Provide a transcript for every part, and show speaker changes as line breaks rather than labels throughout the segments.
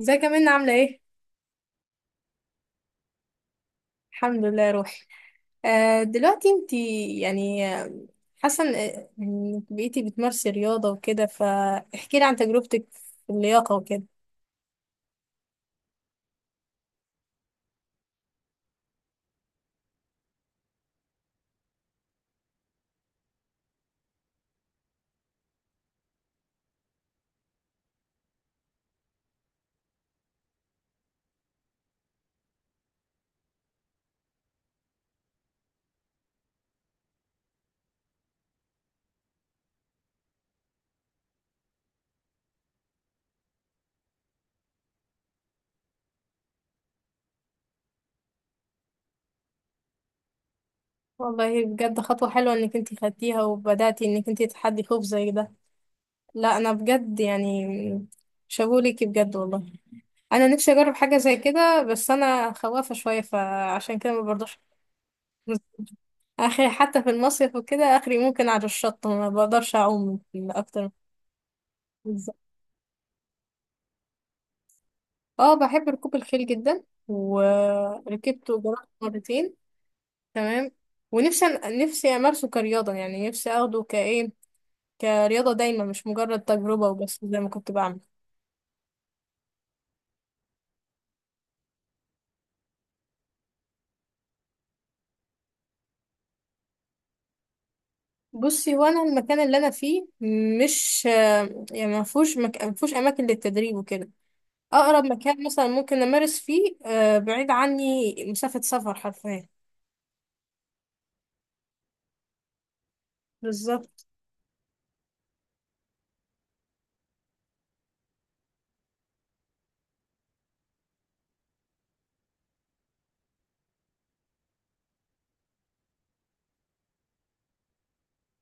ازيك يا منى، عاملة ايه؟ الحمد لله يا روحي. دلوقتي انتي، يعني حاسة ان إنك بقيتي بتمارسي رياضة وكده، فاحكي لي عن تجربتك في اللياقة وكده. والله بجد خطوة حلوة انك انتي خدتيها وبدأتي انك انتي تتحدي خوف زي ده. لا انا بجد يعني شابوه ليكي بجد والله. انا نفسي اجرب حاجة زي كده، بس انا خوافة شوية فعشان كده ما برضاش. اخي حتى في المصيف وكده اخري ممكن على الشط ما بقدرش اعوم اكتر. اه بحب ركوب الخيل جدا، وركبته جربت مرتين. تمام. ونفسي نفسي امارسه كرياضة، يعني نفسي اخده كايه، كرياضة دايما، مش مجرد تجربة وبس زي ما كنت بعمل. بصي، هو انا المكان اللي انا فيه مش يعني ما فيهوش اماكن للتدريب وكده. اقرب مكان مثلا ممكن امارس فيه بعيد عني مسافة سفر حرفيا. بالظبط.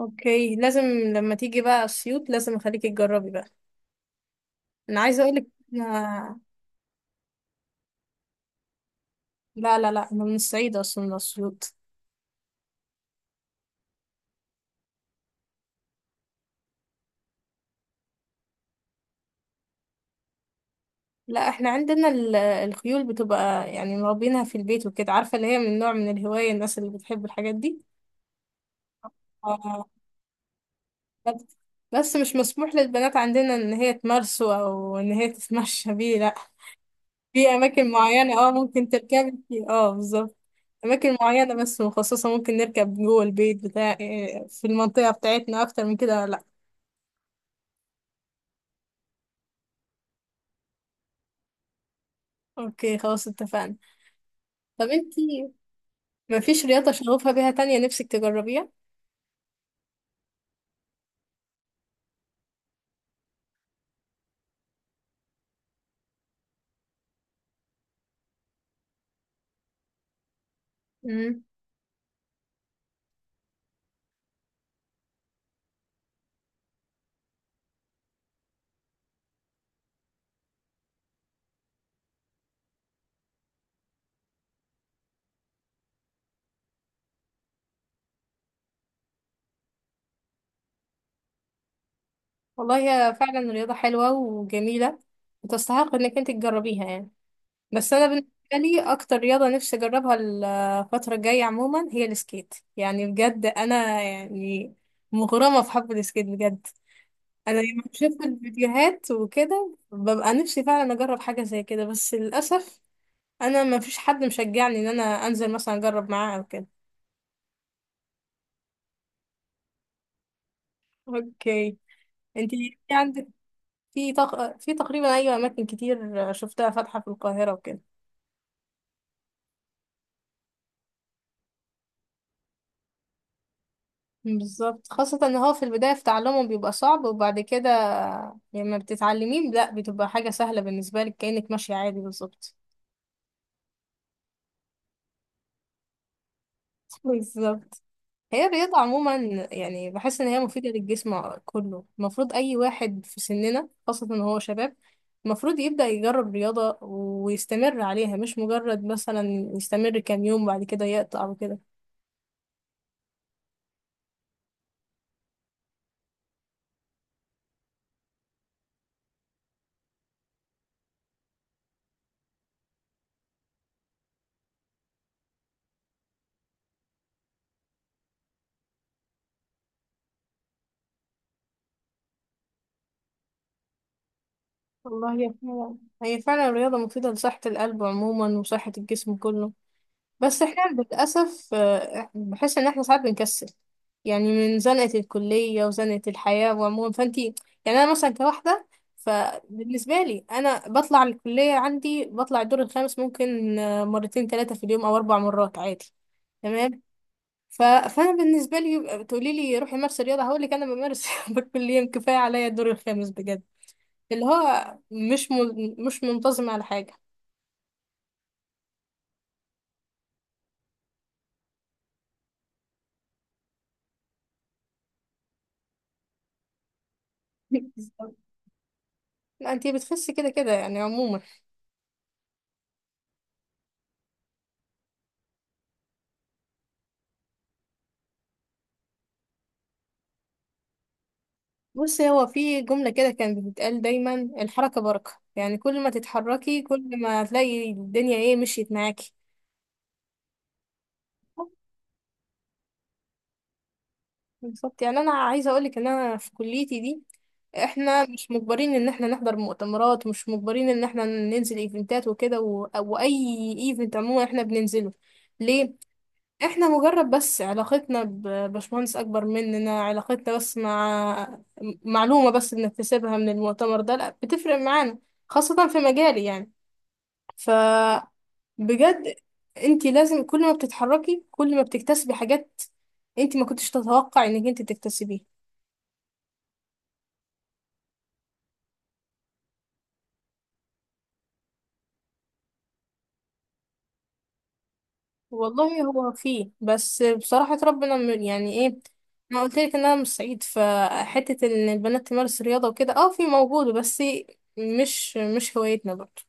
اوكي، لازم لما تيجي بقى اسيوط لازم اخليكي تجربي بقى. انا عايزه اقولك. لا لا لا، انا من الصعيد اصلا، من اسيوط. لا احنا عندنا الخيول بتبقى يعني مربينها في البيت وكده، عارفة، اللي هي من نوع من الهواية الناس اللي بتحب الحاجات دي. آه، بس، مش مسموح للبنات عندنا ان هي تمارسه او ان هي تتمشى بيه، لا. في اماكن معينة اه ممكن تركبي فيه، اه بالظبط. اماكن معينة بس مخصصة، ممكن نركب جوه البيت بتاع في المنطقة بتاعتنا، اكتر من كده لا. اوكي خلاص اتفقنا. طب انتي، مفيش رياضة شغوفة بيها تانية نفسك تجربيها؟ والله هي فعلا رياضة حلوة وجميلة، وتستحق انك انت تجربيها يعني. بس انا بالنسبة لي اكتر رياضة نفسي اجربها الفترة الجاية عموما هي السكيت، يعني بجد انا يعني مغرمة في حب السكيت بجد. انا لما بشوف الفيديوهات وكده ببقى نفسي فعلا اجرب حاجة زي كده، بس للأسف انا ما فيش حد مشجعني ان انا انزل مثلا اجرب معاه او كده. اوكي. انت عندك في تقريبا، ايوه، اماكن كتير شفتها فاتحة في القاهرة وكده. بالظبط، خاصة ان هو في البداية في تعلمه بيبقى صعب، وبعد كده لما بتتعلميه لا بتبقى حاجة سهلة بالنسبة لك، كأنك ماشية عادي بالظبط. بالظبط. هي الرياضة عموما يعني بحس ان هي مفيدة للجسم كله. المفروض اي واحد في سننا، خاصة ان هو شباب، المفروض يبدأ يجرب رياضة ويستمر عليها، مش مجرد مثلا يستمر كام يوم بعد كده يقطع وكده. والله هي فعلا الرياضة مفيدة لصحة القلب عموما وصحة الجسم كله. بس احنا للأسف بحس ان احنا ساعات بنكسل، يعني من زنقة الكلية وزنقة الحياة وعموما. فانتي يعني، انا مثلا كواحدة، فبالنسبة لي انا بطلع الكلية، عندي بطلع الدور الخامس ممكن مرتين ثلاثة في اليوم او 4 مرات عادي. تمام. فانا بالنسبة لي تقولي لي روحي مارسي رياضة، هقول لك انا بمارس بالكلية، كفاية عليا الدور الخامس بجد. اللي هو مش منتظم على حاجة. بالظبط. لا انتي بتخسي كده كده يعني عموما. بص، هو في جملة كده كانت بتتقال دايما: الحركة بركة. يعني كل ما تتحركي كل ما هتلاقي الدنيا ايه مشيت معاكي. بالظبط. يعني انا عايزة اقولك ان انا في كليتي دي، احنا مش مجبرين ان احنا نحضر مؤتمرات، ومش مجبرين ان احنا ننزل ايفنتات وكده او اي ايفنت عموما احنا بننزله. ليه؟ احنا مجرد بس علاقتنا بباشمهندس اكبر مننا، علاقتنا بس مع معلومة بس بنكتسبها من المؤتمر ده، لا بتفرق معانا. خاصة في مجالي يعني. ف بجد، انت لازم كل ما بتتحركي كل ما بتكتسبي حاجات انت ما كنتش تتوقع انك انت تكتسبيه. والله هو فيه، بس بصراحة ربنا يعني ايه، انا قلت لك ان انا مش سعيد فحتة ان البنات تمارس رياضة وكده. اه في موجود، بس مش هوايتنا برضه.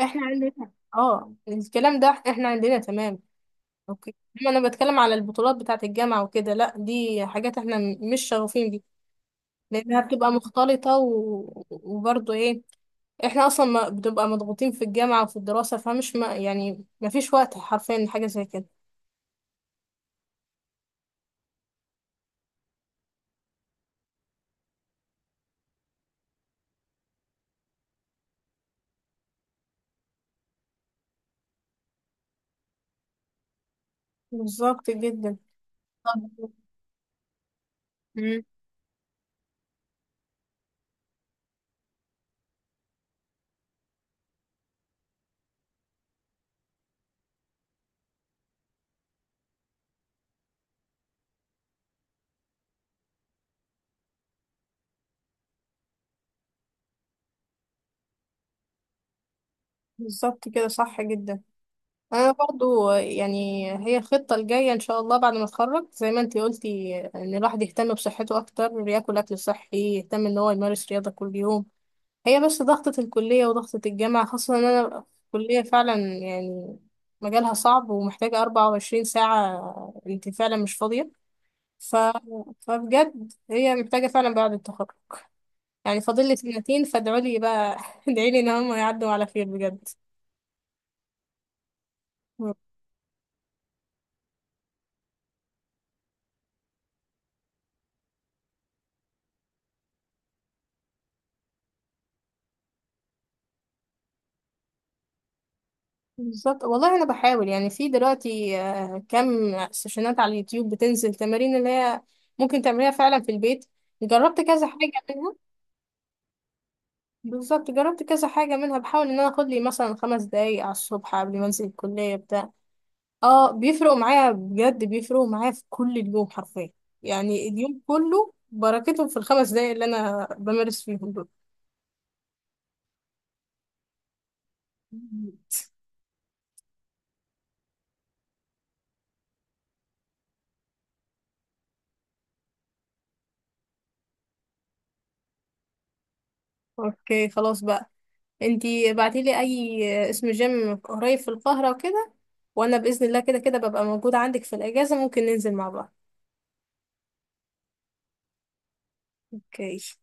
احنا عندنا اه الكلام ده احنا عندنا تمام. اوكي. لما انا بتكلم على البطولات بتاعة الجامعة وكده لا، دي حاجات احنا مش شغوفين بيها، لانها بتبقى مختلطه وبرضه ايه، احنا اصلا ما بنبقى مضغوطين في الجامعه وفي الدراسه، فمش، ما يعني، ما فيش وقت حرفيا لحاجه زي كده. بالظبط جدا. طب. مم. بالظبط، كده صح جدا. انا برضو يعني هي الخطه الجايه ان شاء الله بعد ما اتخرج، زي ما انتي قلتي، ان الواحد يهتم بصحته اكتر، ياكل اكل صحي، يهتم ان هو يمارس رياضه كل يوم. هي بس ضغطة الكلية وضغطة الجامعة، خاصة إن أنا في الكلية فعلا يعني مجالها صعب ومحتاجة 24 ساعة، أنت فعلا مش فاضية. ف... فبجد هي محتاجة فعلا بعد التخرج. يعني فاضل لي سنتين، فادعولي بقى ادعيلي إن هم يعدوا على خير بجد. بالظبط. والله أنا بحاول يعني، في دلوقتي كم سيشنات على اليوتيوب بتنزل تمارين اللي هي ممكن تعمليها فعلا في البيت. جربت كذا حاجة. بالظبط، جربت كذا حاجة منها، بحاول ان انا اخد لي مثلا 5 دقايق على الصبح قبل ما انزل الكلية بتاع. اه بيفرقوا معايا بجد، بيفرقوا معايا في كل اليوم حرفيا. يعني اليوم كله بركتهم في ال5 دقايق اللي انا بمارس فيهم دول. اوكي خلاص بقى. انتي بعتيلي اي اسم جيم قريب في القاهرة وكده، وانا بإذن الله كده كده ببقى موجودة عندك في الاجازة، ممكن ننزل مع بعض. اوكي.